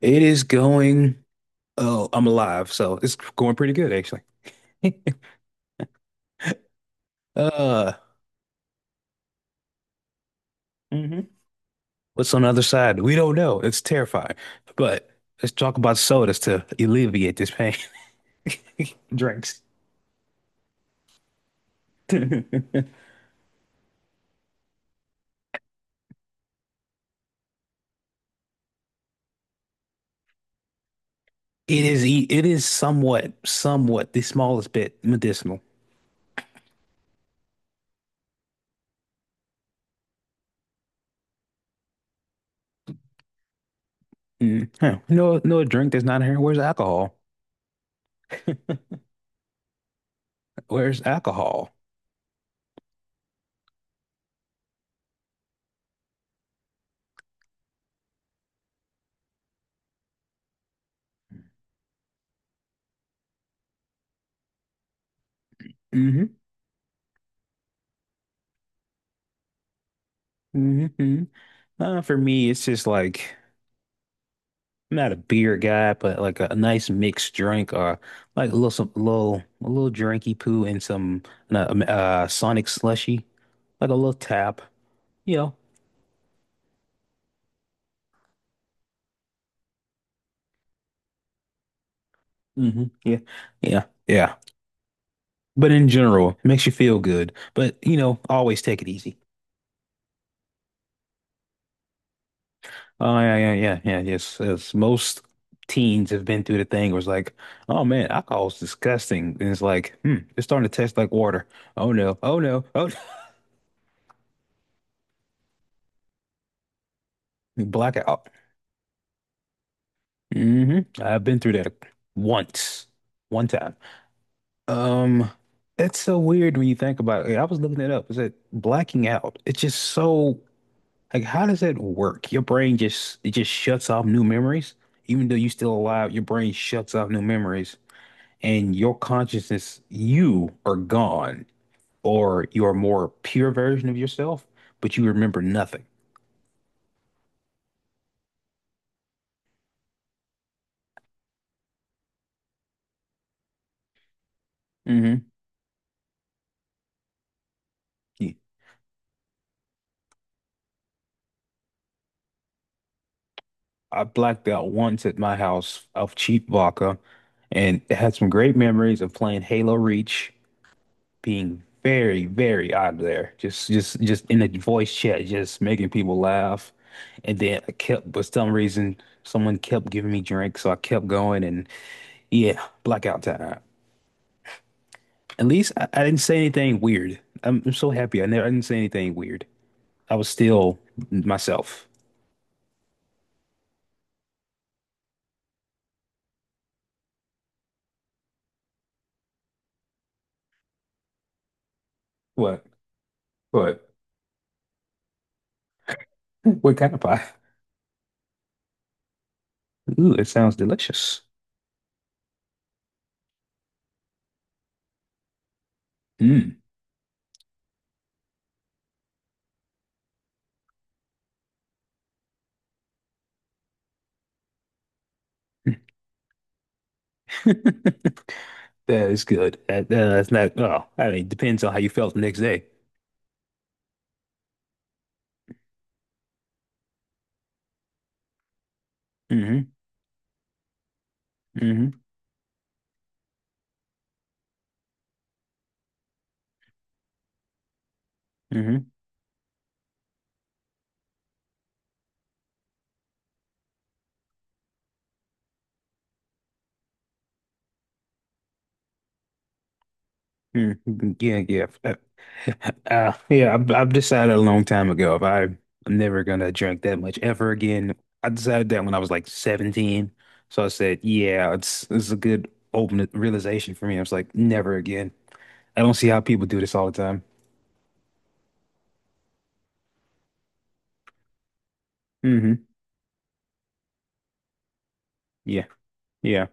It is going. Oh, I'm alive, so it's going pretty good actually. Uh, mhm. What's on the other side? We don't know. It's terrifying. But let's talk about sodas to alleviate this pain. Drinks. It is. It is somewhat the smallest bit medicinal. Mm. Huh. No, no drink that's not here. Where's alcohol? Where's alcohol? Hmm. Hmm, hmm. For me, it's just like. I'm not a beer guy, but like a nice mixed drink or like a little some little a little drinky poo and some Sonic slushy, like a little tap. You know. Hmm, yeah. Yeah. Yeah. But in general, it makes you feel good. But always take it easy. Oh yeah, yeah, yeah, yeah. Yes, yes. Most teens have been through the thing where it's like, oh man, alcohol is disgusting. And it's like, it's starting to taste like water. Oh no, oh no, oh blackout. I've been through that once, one time. Um, that's so weird when you think about it. I was looking it up. Is it blacking out? It's just so like, how does that work? Your brain just it just shuts off new memories, even though you're still alive. Your brain shuts off new memories, and your consciousness, you are gone, or you're a more pure version of yourself, but you remember nothing. hmm I blacked out once at my house of cheap vodka and had some great memories of playing Halo Reach, being very, very out there. Just in the voice chat, just making people laugh. And then I kept for some reason someone kept giving me drinks, so I kept going and yeah, blackout time. At least I didn't say anything weird. I'm so happy I didn't say anything weird. I was still myself. What? What? What kind of pie? Ooh, it sounds delicious. Mm. That is good. That's not, well, I mean, it depends on how you felt the next day. Hmm, hmm, hmm, mm. Yeah, yeah. Yeah, I've decided a long time ago if I, I'm never gonna drink that much ever again. I decided that when I was like 17. So I said, yeah, it's a good open realization for me. I was like, never again. I don't see how people do this all the time. Hmm, yeah, yeah.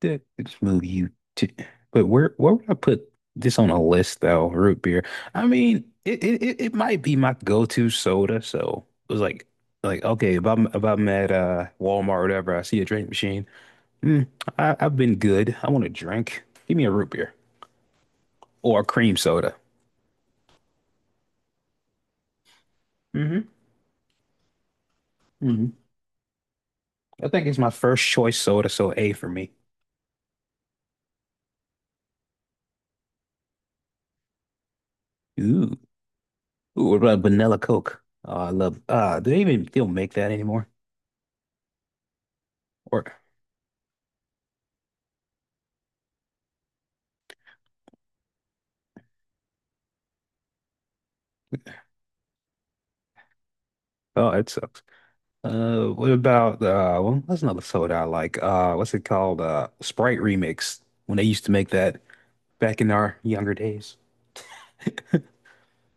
That the move you to but where would I put this on a list though? Root beer. I mean, it might be my go-to soda, so it was like okay, if I'm at Walmart or whatever, I see a drink machine. Mm, I've been good. I want a drink. Give me a root beer or a cream soda. hmm hmm I think it's my first choice soda, so A for me. Ooh. Ooh, what about vanilla Coke? Oh, I love do they even still make that anymore? Or oh, it sucks. What about? Well, that's another soda I like. What's it called? Sprite Remix. When they used to make that back in our younger days,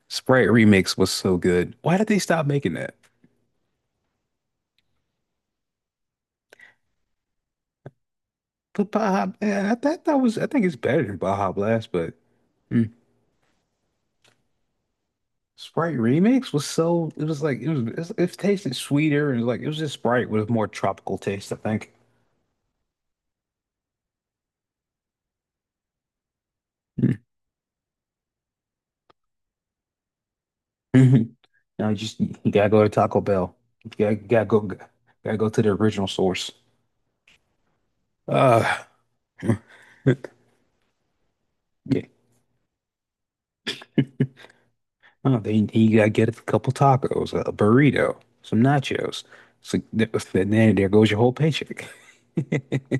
Sprite Remix was so good. Why did they stop making that? But Baja, man, I thought that was. I think it's better than Baja Blast, but mm, Sprite Remix was so. It was like it was. It tasted sweeter and it was like it was just Sprite with a more tropical taste. I think. Mm. No, you gotta go to Taco Bell. You gotta go. Gotta go to the original source. Uh. Yeah. Oh, then he gotta get a couple tacos, a burrito, some nachos. So then there goes your whole paycheck.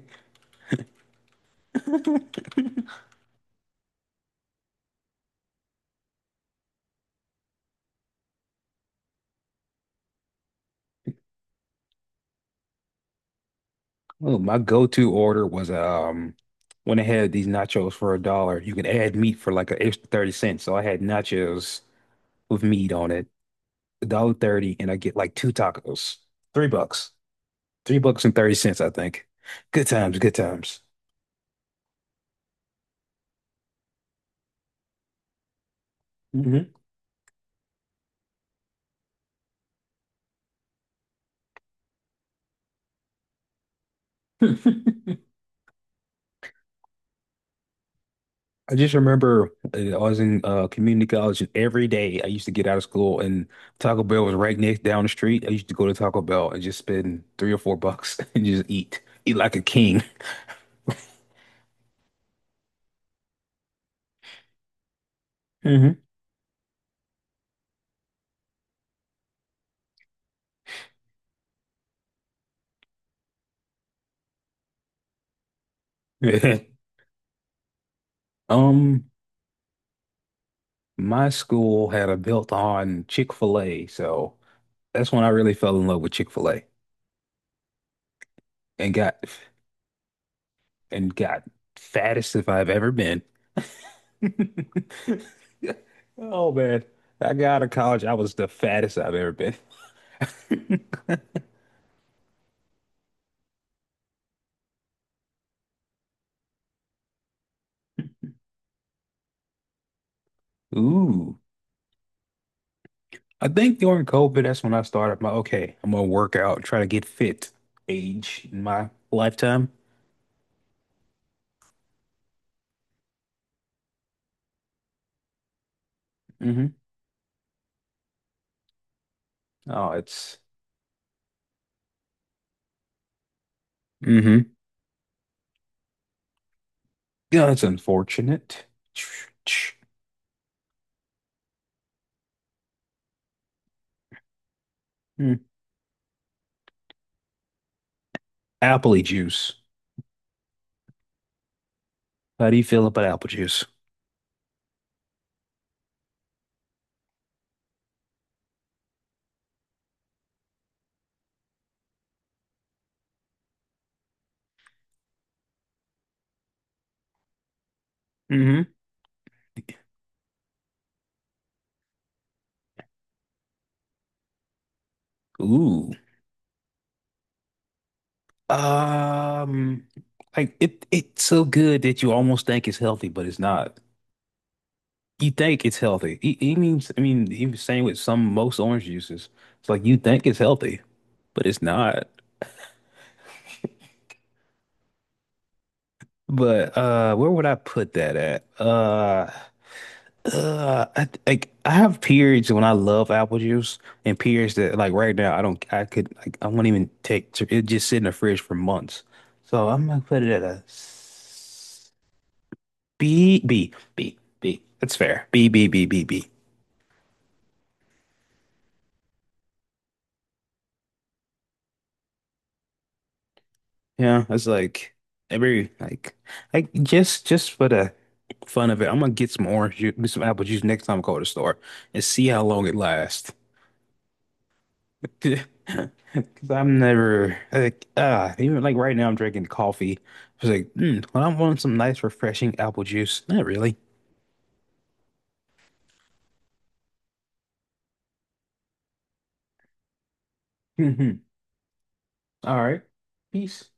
Oh, my go-to order was when they had these nachos for a dollar. You could add meat for like an extra 30 cents. So I had nachos with meat on it, a dollar 30, and I get like two tacos. $3. $3 and 30 cents, I think. Good times, good times. hmm I just remember I was in community college, and every day I used to get out of school, and Taco Bell was right next down the street. I used to go to Taco Bell and just spend $3 or $4 and just eat like a king. hmm Um, my school had a built-on Chick-fil-A, so that's when I really fell in love with Chick-fil-A and got fattest if I've ever been. Oh man, I got out of college, I was the fattest I've ever been. Ooh, I think during COVID, that's when I started my okay, I'm gonna work out, try to get fit age in my lifetime. hmm Oh, it's. Hmm Yeah, that's unfortunate. Mm. Apple juice. How do you feel about apple juice? hmm Ooh. Um, like it's so good that you almost think it's healthy, but it's not. You think it's healthy. He means, I mean, he was saying with some most orange juices, it's like you think it's healthy, but it's not. But where would I put that at? Like I have periods when I love apple juice, and periods that like right now I don't, I could, like, I won't even take. It just sit in the fridge for months. So I'm gonna put it at B, B, B, B. That's fair. B, B, B, B, B. Yeah, that's like every like just for the fun of it, I'm gonna get some orange juice, some apple juice next time I go to the store and see how long it lasts. Because I'm never like even like right now I'm drinking coffee. I was like, when I want some nice refreshing apple juice, not really. All right, peace.